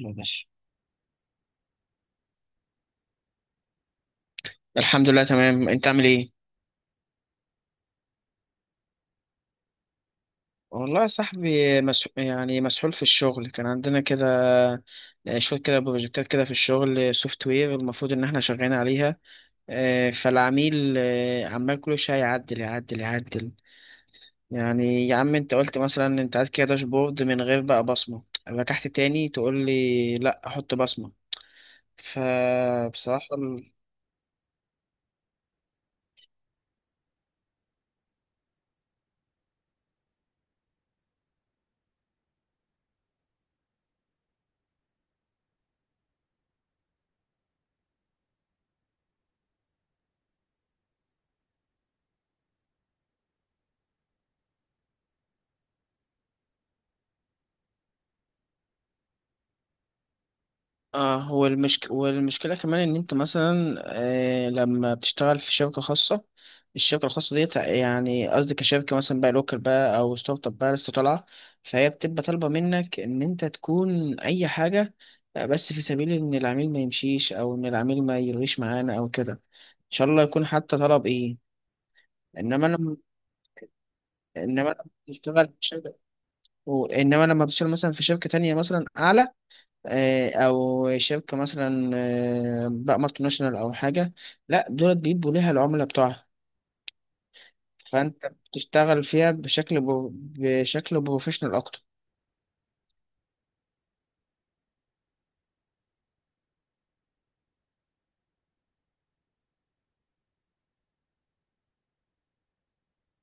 يلا يا باشا. الحمد لله، تمام. انت عامل ايه؟ والله يا صاحبي يعني مسحول في الشغل كان عندنا كده. شوية كده بروجكتات كده في الشغل سوفت وير المفروض إن احنا شغالين عليها. فالعميل عمال كل شوية يعدل يعدل يعدل. يعني يا عم انت قلت مثلا انت عايز كده داشبورد من غير بقى بصمة، رجعت تاني تقول لي لا احط بصمة، فبصراحة. اه هو والمشكلة كمان إن أنت مثلا لما بتشتغل في شركة خاصة، الشركة الخاصة ديت، يعني قصدي كشركة مثلا بقى لوكال، بقى أو ستارت اب بقى لسه طالعة، فهي بتبقى طالبة منك إن أنت تكون أي حاجة، بس في سبيل إن العميل ما يمشيش أو إن العميل ما يلغيش معانا أو كده، إن شاء الله يكون حتى طلب إيه. إنما لما إنما لما بتشتغل في شركة، إنما لما بتشتغل مثلا في شركة تانية مثلا أعلى، او شركه مثلا بقى مالتي ناشونال او حاجه، لا دول بيبقوا ليها العملاء بتوعها، فانت بتشتغل فيها بشكل بروفيشنال اكتر.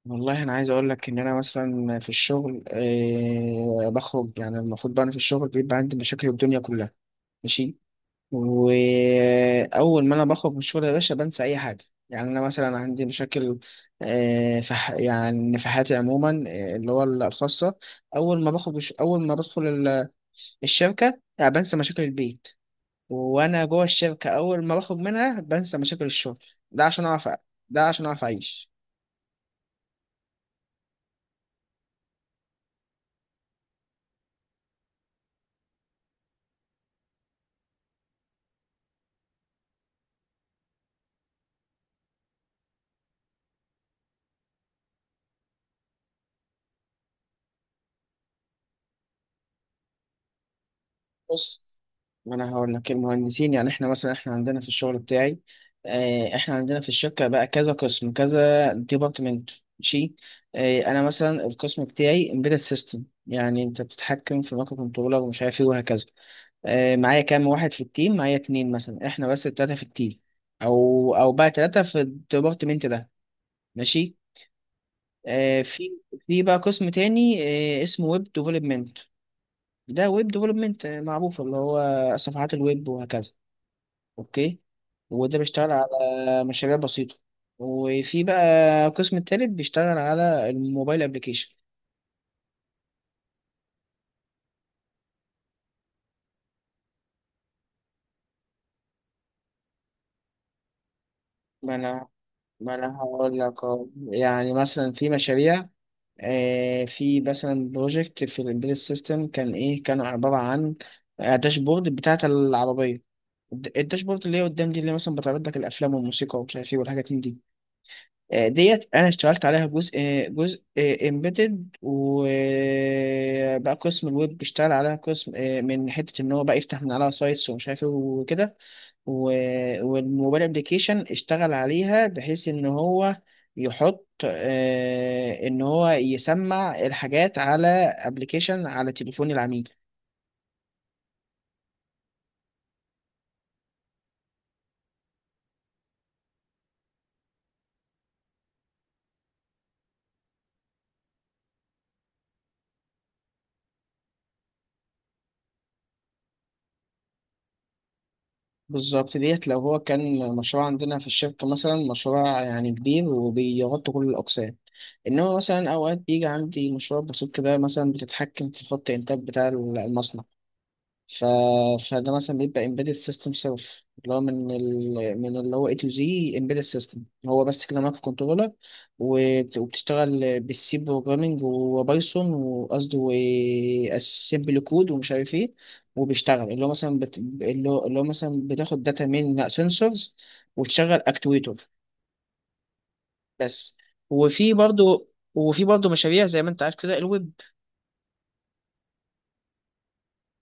والله انا عايز اقول لك ان انا مثلا في الشغل بخرج. يعني المفروض بقى انا في الشغل بيبقى عندي مشاكل الدنيا كلها. ماشي. واول ما انا بخرج من الشغل يا باشا بنسى اي حاجه. يعني انا مثلا عندي مشاكل يعني في حياتي عموما، اللي هو الخاصه. اول ما بدخل الشركه يعني بنسى مشاكل البيت، وانا جوه الشركه اول ما بخرج منها بنسى مشاكل الشغل. ده عشان اعرف ده عشان اعرف اعيش. بص، ما انا هقول لك المهندسين، يعني احنا عندنا في الشغل بتاعي، احنا عندنا في الشركه بقى كذا قسم، كذا ديبارتمنت. ماشي. انا مثلا القسم بتاعي امبيدد سيستم، يعني انت بتتحكم في مايكرو كنترولر ومش عارف ايه وهكذا. معايا كام واحد في التيم؟ معايا اتنين، مثلا احنا بس التلاته في التيم، او بقى تلاته في الديبارتمنت ده. ماشي. آه، في في بقى قسم تاني، اسمه ويب ديفلوبمنت. ده ويب ديفلوبمنت معروف، اللي هو صفحات الويب وهكذا. اوكي. وده بيشتغل على مشاريع بسيطة. وفي بقى قسم التالت بيشتغل على الموبايل ابلكيشن. ما انا ما انا هقول لك أهو. يعني مثلا في مشاريع، في مثلا بروجكت في الامبيدد سيستم كان ايه، كان عبارة عن داشبورد بتاعة العربية، الداشبورد اللي هي قدام دي، اللي مثلا بتعرض لك الافلام والموسيقى ومش عارف ايه والحاجات من دي. ديت انا اشتغلت عليها جزء، جزء امبيدد، وبقى قسم الويب بيشتغل عليها قسم من حته ان هو بقى يفتح من عليها سايتس ومش عارف ايه وكده. والموبايل ابلكيشن اشتغل عليها بحيث ان هو يحط، ان هو يسمع الحاجات على ابلكيشن على تليفون العميل. بالظبط ديت لو هو كان مشروع عندنا في الشركة، مثلا مشروع يعني كبير وبيغطي كل الأقسام. إنما مثلا أوقات بيجي عندي مشروع بسيط كده، مثلا بتتحكم في خط الإنتاج بتاع المصنع. ف... فده مثلا بيبقى embedded system سيلف، اللي هو من اللي هو A to Z. Embedded system هو بس كده مايكرو كنترولر، وبتشتغل بالسي بروجرامينج وبايثون، وقصدي واسمبل كود ومش عارف ايه. وبيشتغل اللي هو مثلا بت... اللي هو اللي هو مثلا بتاخد داتا من سنسورز وتشغل اكتويتور. بس. وفي برضه وفي برضه مشاريع زي ما انت عارف كده الويب.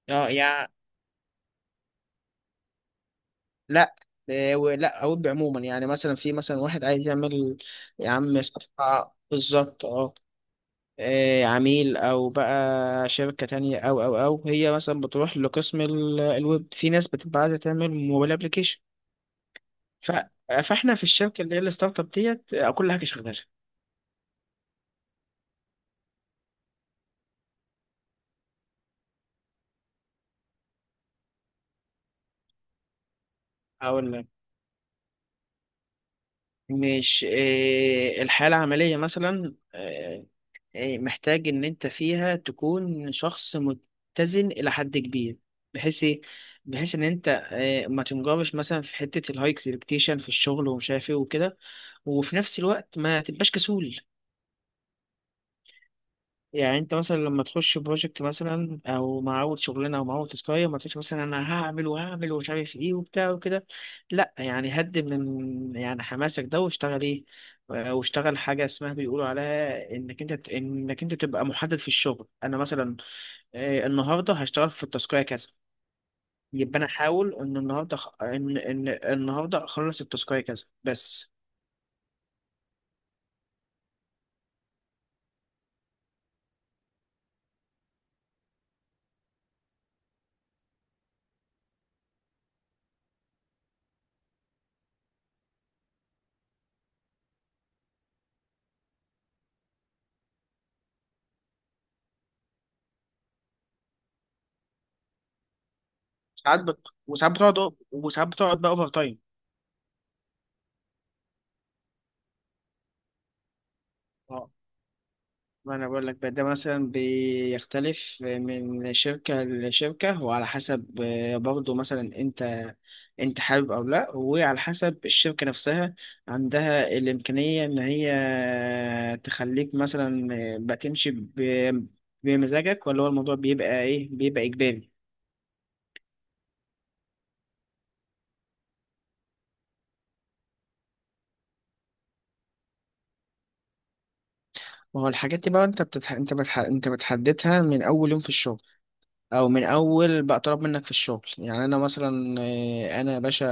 اه، يعني، لا، إيه، ولا اوب عموما، يعني مثلا في، مثلا واحد عايز يعمل، يا عم صفحة بالظبط، اه. إيه، عميل او بقى شركة تانية، او هي مثلا بتروح لقسم الويب. في ناس بتبقى عايزة تعمل موبايل ابليكيشن. ف... فاحنا في الشركة اللي هي الستارت اب ديت كل حاجة شغالة. هقول لك، مش إيه، الحياة العملية مثلا إيه، محتاج ان انت فيها تكون شخص متزن الى حد كبير. بحيث ايه؟ بحيث ان انت إيه، ما تنجرش مثلا في حتة الهاي اكسبكتيشن في الشغل ومش عارف ايه وكده، وفي نفس الوقت ما تبقاش كسول. يعني انت مثلا لما تخش بروجكت مثلا، او مع اول شغلانه، او مع اول تسكايه، ما تقولش مثلا انا هعمل وهعمل ومش عارف ايه وبتاع وكده. لا يعني هد من يعني حماسك ده، واشتغل ايه، واشتغل حاجه اسمها بيقولوا عليها انك انت تبقى محدد في الشغل. انا مثلا النهارده هشتغل في التسكايه كذا، يبقى انا احاول ان النهارده ان النهارده اخلص التسكايه كذا بس. ساعات بت... وساعات بتقعد وساعات بتقعد بقى اوفر تايم. ما انا بقول لك بقى ده مثلا بيختلف من شركة لشركة، وعلى حسب برضه مثلا انت، انت حابب او لا، وعلى حسب الشركة نفسها عندها الامكانية ان هي تخليك مثلا بتمشي ب- بمزاجك، ولا هو الموضوع بيبقى ايه، بيبقى اجباري. ما هو الحاجات دي بقى انت بتحددها من اول يوم في الشغل، او من اول بقى طلب منك في الشغل. يعني انا مثلا آه، انا يا باشا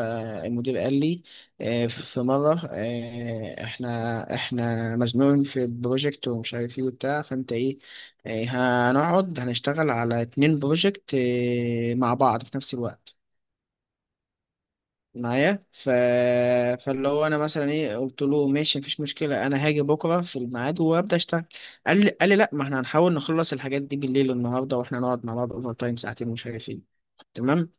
المدير قال لي في مره، احنا مزنوقين في البروجكت ومش عارف ايه وبتاع، فانت ايه آه، هنقعد هنشتغل على اتنين بروجكت مع بعض في نفس الوقت معايا. فاللي هو انا مثلا ايه قلت له ماشي مفيش مشكله، انا هاجي بكره في الميعاد وابدا اشتغل. قال لي لا، ما احنا هنحاول نخلص الحاجات دي بالليل النهارده واحنا نقعد مع بعض اوفر تايم ساعتين ومش عارف ايه. تمام.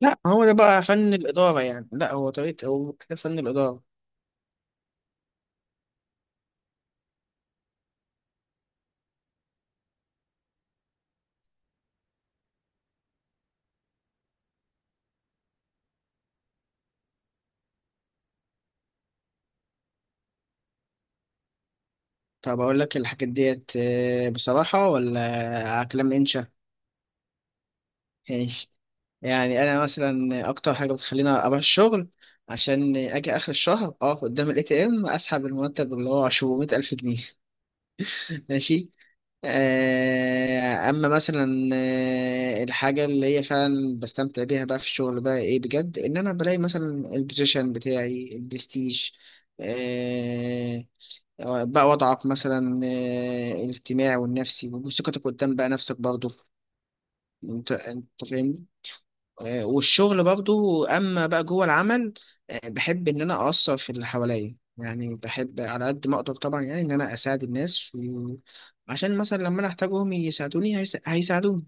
لا هو ده بقى فن الاداره، يعني لا هو طريقه، هو كده فن الاداره. طب اقول لك الحاجات ديت بصراحه، ولا على كلام انشا. ماشي. يعني انا مثلا اكتر حاجه بتخليني اروح الشغل عشان اجي اخر الشهر اقف قدام الاي تي ام اسحب المرتب اللي هو 700 الف جنيه ماشي. اما مثلا الحاجه اللي هي فعلا بستمتع بيها بقى في الشغل بقى ايه، بجد، ان انا بلاقي مثلا البوزيشن بتاعي، البرستيج، آه، بقى وضعك مثلا الاجتماعي والنفسي، وثقتك قدام بقى نفسك برضه، انت فاهمني. والشغل برضو اما بقى جوه العمل بحب ان انا اثر في اللي حواليا. يعني بحب على قد ما اقدر طبعا، يعني ان انا اساعد الناس عشان مثلا لما انا احتاجهم يساعدوني، هيساعدوني.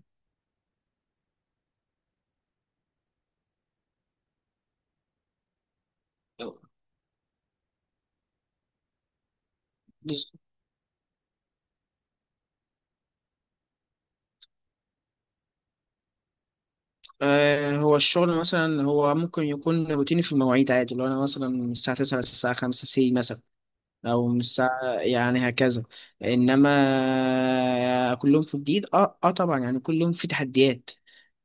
بز- هو الشغل مثلا هو ممكن يكون روتيني في المواعيد، عادي، لو انا مثلا من الساعة 9 للساعة 5 سي مثلا، او من الساعة يعني هكذا. انما كل يوم في جديد، اه اه طبعا، يعني كل يوم في تحديات.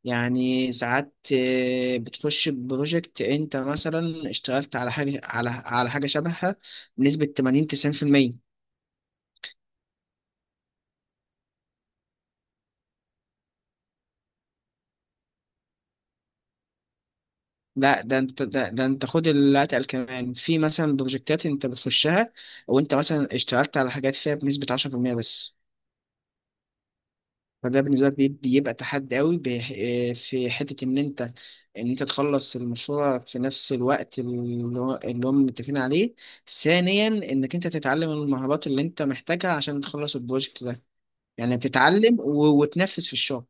يعني ساعات بتخش ببروجكت انت مثلا اشتغلت على حاجة شبهها بنسبة 80 90%. لا ده انت خد اللي اتقل كمان. في مثلا بروجكتات انت بتخشها وانت مثلا اشتغلت على حاجات فيها بنسبة 10% بس. فده بالنسبة لك بيبقى تحدي قوي، في حتة ان انت، ان انت تخلص المشروع في نفس الوقت اللي هم متفقين عليه، ثانيا انك انت تتعلم المهارات اللي انت محتاجها عشان تخلص البروجكت ده. يعني بتتعلم وتنفذ في الشغل.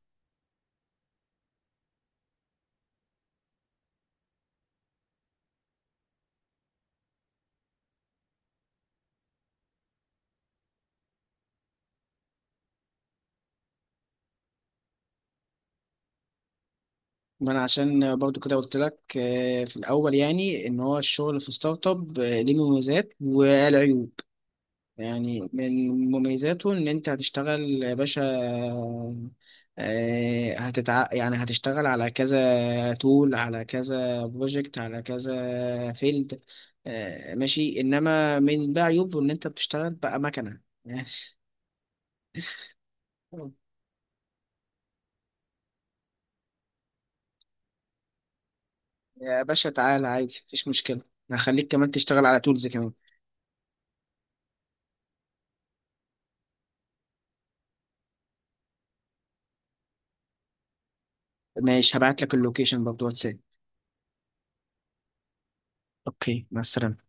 ما انا عشان برضو كده قلت لك في الاول يعني ان هو الشغل في ستارت اب ليه مميزات والعيوب. يعني من مميزاته ان انت هتشتغل يا باشا، يعني هتشتغل على كذا تول، على كذا بروجكت، على كذا فيلد. ماشي، انما من بقى عيوبه ان انت بتشتغل بقى مكنه يا باشا تعالى، عادي، مفيش مشكلة. هخليك كمان تشتغل على تولز كمان. ماشي، هبعت لك اللوكيشن برضه واتساب. اوكي، مع السلامة.